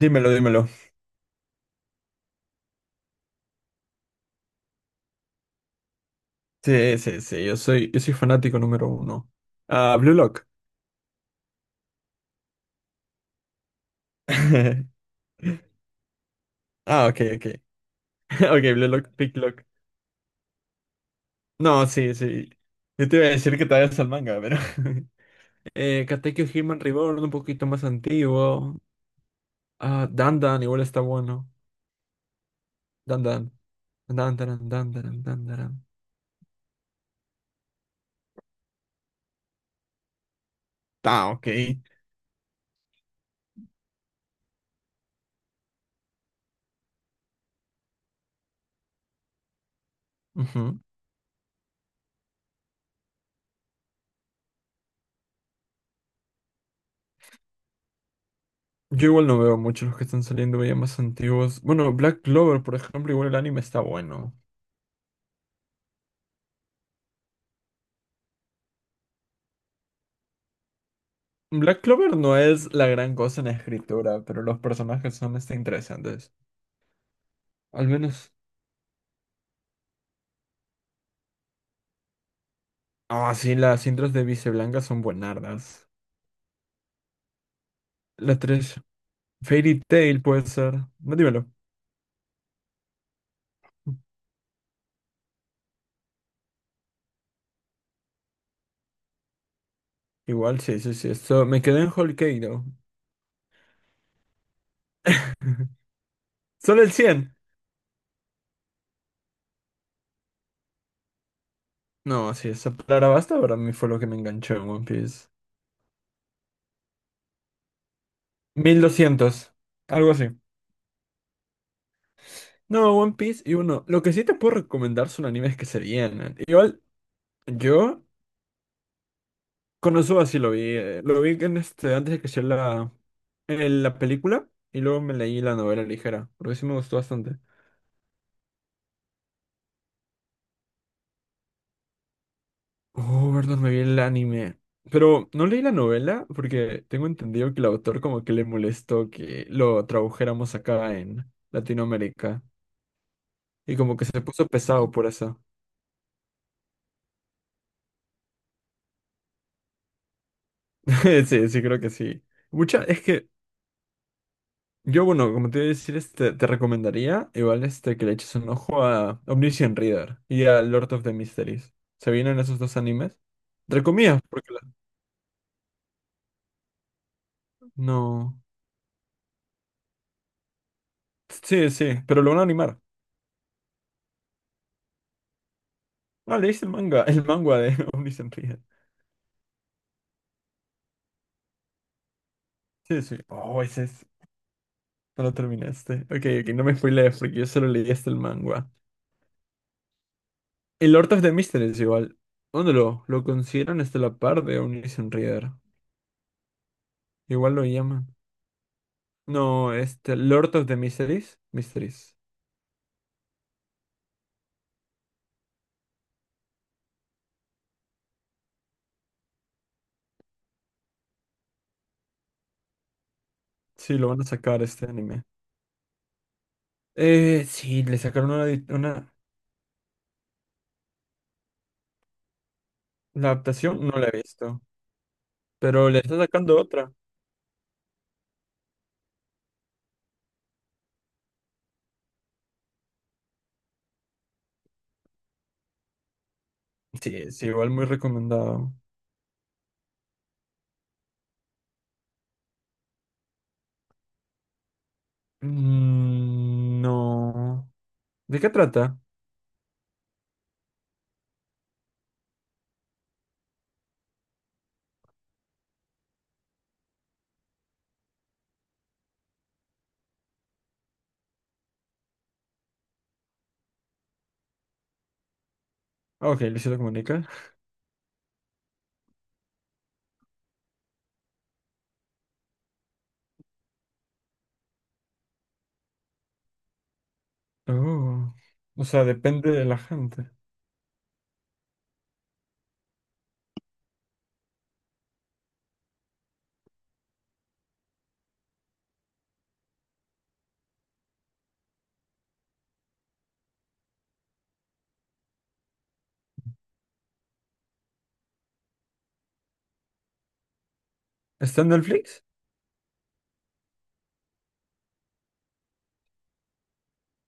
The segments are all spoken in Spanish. Dímelo, dímelo. Sí, sí, sí, yo soy fanático número uno. Ah, Blue Lock. Ah, ok, ok. Ok, Blue Lock, Pick Lock. No, sí, sí. Yo te iba a decir que te vayas al manga, pero. Katekyo Hitman Reborn, un poquito más antiguo. Ah, Dandan, igual está bueno. Dandan. Dandaran, dandaran, dandaran. Ah, ok. Ujú. Yo igual no veo mucho los que están saliendo ya más antiguos. Bueno, Black Clover, por ejemplo, igual el anime está bueno. Black Clover no es la gran cosa en la escritura, pero los personajes son interesantes. Al menos. Ah, sí, las intros de Vice Blanca son buenardas. La 3 Fairy Tail puede ser. No, dímelo. Igual, sí, sí, sí. Me quedé en Whole Cake, ¿no? Solo el 100. No, sí, esa palabra basta para mí fue lo que me enganchó en One Piece. 1,200. Algo así. No, One Piece y uno. Lo que sí te puedo recomendar son animes que se vienen. Igual, yo con Konosuba sí lo vi. Lo vi en antes de que sea en la película y luego me leí la novela ligera, porque sí me gustó bastante. Oh, verdad, me vi el anime. Pero no leí la novela porque tengo entendido que el autor como que le molestó que lo tradujéramos acá en Latinoamérica. Y como que se puso pesado por eso. Sí, sí, creo que sí. Mucha, es que yo, bueno, como te iba a decir, te recomendaría igual que le eches un ojo a Omniscient Reader y a Lord of the Mysteries. ¿Se vienen esos dos animes? Entre comillas, porque no. Sí, sí, pero lo van a animar. Ah, leíste el manga, de Omniscient Reader. Sí, sí. Oh, ese es. No lo terminaste. Ok, ok, no me spoilees porque yo solo leí hasta el manga. El Lord of the Mysteries igual. ¿Dónde lo consideran hasta la par de Omniscient Reader? Igual lo llaman. No, Lord of the Mysteries. Mysteries. Sí, lo van a sacar este anime. Sí, le sacaron una... La adaptación no la he visto, pero le está sacando otra. Sí, es igual muy recomendado. Mm, no. ¿De qué trata? Ah, ok, Luisito Comunica. Oh, o sea, depende de la gente. ¿Está en Netflix?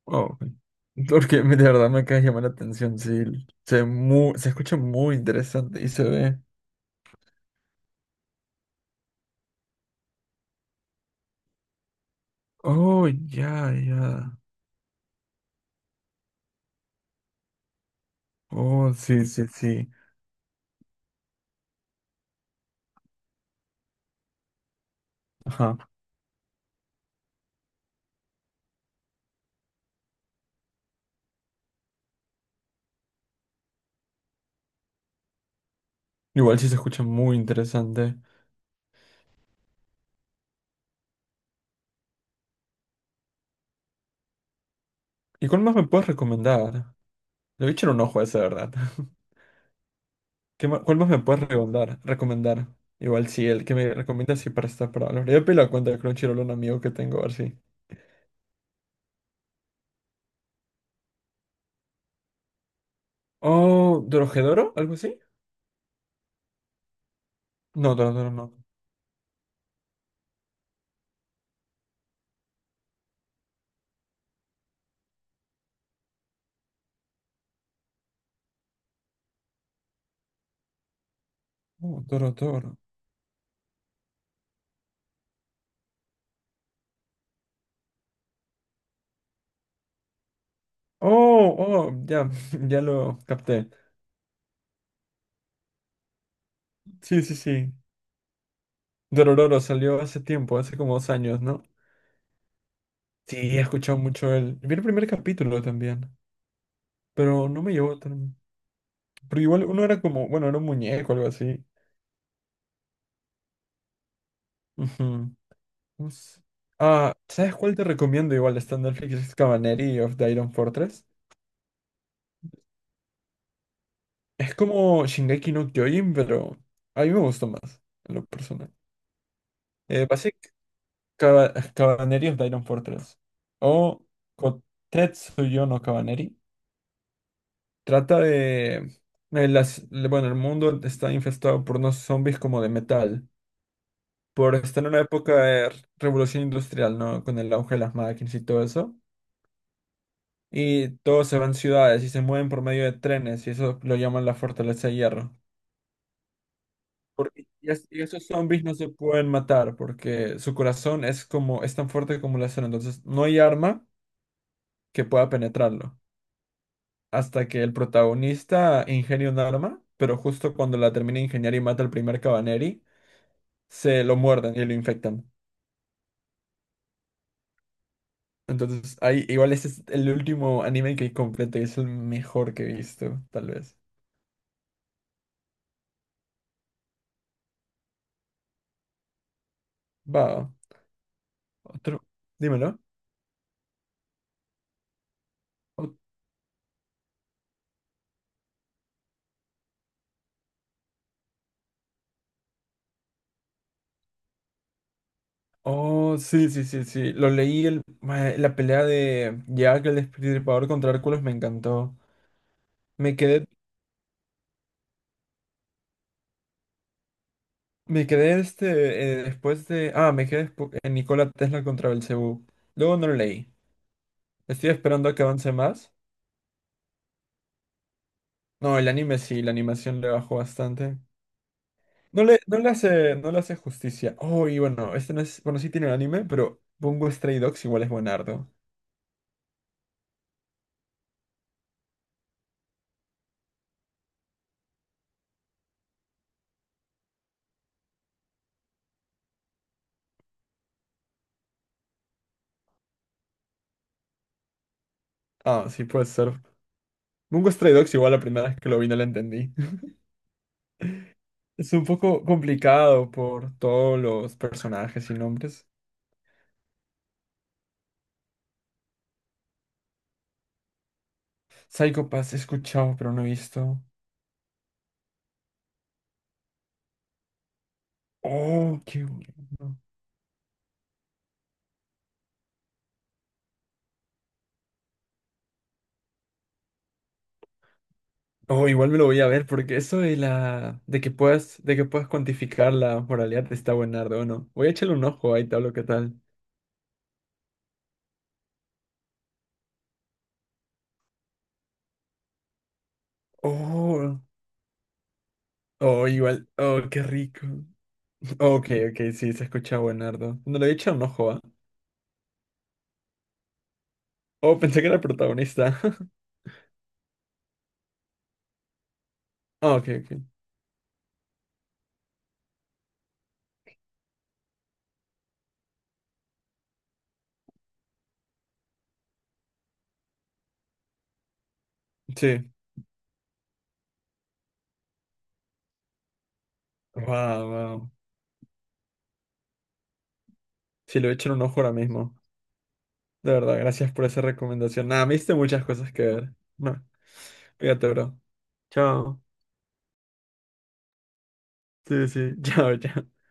Oh, ok. Porque de verdad me acaba de llamar la atención, sí. Se escucha muy interesante y se ve. Oh, ya, ya. Oh, sí, sí, sí. Ajá. Igual sí se escucha muy interesante. ¿Y cuál más me puedes recomendar? Le voy a echar un ojo a ese, ¿de verdad? ¿Cuál más me puedes recomendar? Recomendar. Igual sí, el que me recomiendas sí para estar para hablar. Ya pedí la cuenta de Crunchyroll a un amigo que tengo, a ver si. Oh, ¿Dorohedoro? ¿Algo así? No, Dorohedoro no. Oh, Dorohedoro. Oh, oh, ya, ya lo capté. Sí, sí, sí. Dorororo salió hace tiempo, hace como 2 años, ¿no? Sí, he escuchado mucho él. Vi el primer capítulo también, pero no me llevó tanto. Pero igual uno era como, bueno, era un muñeco o algo así. Ujú. No sé. Ah, ¿sabes cuál te recomiendo? Igual está en Netflix, es Cavalry of the Iron Fortress. Es como Shingeki no Kyojin, pero a mí me gustó más, en lo personal. Pasé Cavalry of the Iron Fortress o Kotetsuyo no Cavalry. Trata de las, bueno, el mundo está infestado por unos zombies como de metal, por estar en una época de revolución industrial, ¿no? Con el auge de las máquinas y todo eso. Y todos se van a ciudades y se mueven por medio de trenes y eso lo llaman la fortaleza de hierro. Porque y esos zombies no se pueden matar porque su corazón es como es tan fuerte como la acero, entonces no hay arma que pueda penetrarlo. Hasta que el protagonista ingenia un arma, pero justo cuando la termina de ingeniar y mata al primer Cabaneri, se lo muerden y lo infectan. Entonces, ahí, igual este es el último anime que completé, es el mejor que he visto, tal vez. Va, otro, dímelo. Ot- Oh, sí, sí, sí, sí. Lo leí la pelea de Jack el Destripador contra Hércules me encantó. Me quedé, me quedé. Después de. Ah, me quedé en Nikola Tesla contra Belcebú. Luego no lo leí. Estoy esperando a que avance más. No, el anime sí, la animación le bajó bastante. No le hace justicia. Oh, y bueno, este no es. Bueno, sí tiene un anime, pero Bungo Stray Dogs igual es buenardo. Ah, sí, puede ser. Bungo Stray Dogs igual la primera vez que lo vi no lo entendí. Es un poco complicado por todos los personajes y nombres. Psycho Pass he escuchado, pero no he visto. Oh, qué bueno. Oh, igual me lo voy a ver, porque eso de la. De que puedas cuantificar la moralidad está buenardo, ¿o no? Voy a echarle un ojo ahí, tal, lo que tal. Oh. Oh, igual. Oh, qué rico. Ok, ok, sí, se escucha buenardo. No le he echado un ojo, ¿ah? Oh, pensé que era el protagonista. Ah, ok, ok. Sí. Wow, wow. Sí, le voy a echar un ojo ahora mismo. De verdad, gracias por esa recomendación. Nada, me diste muchas cosas que ver. No, fíjate, bro. Chao. Sí, sí. Chao, chao.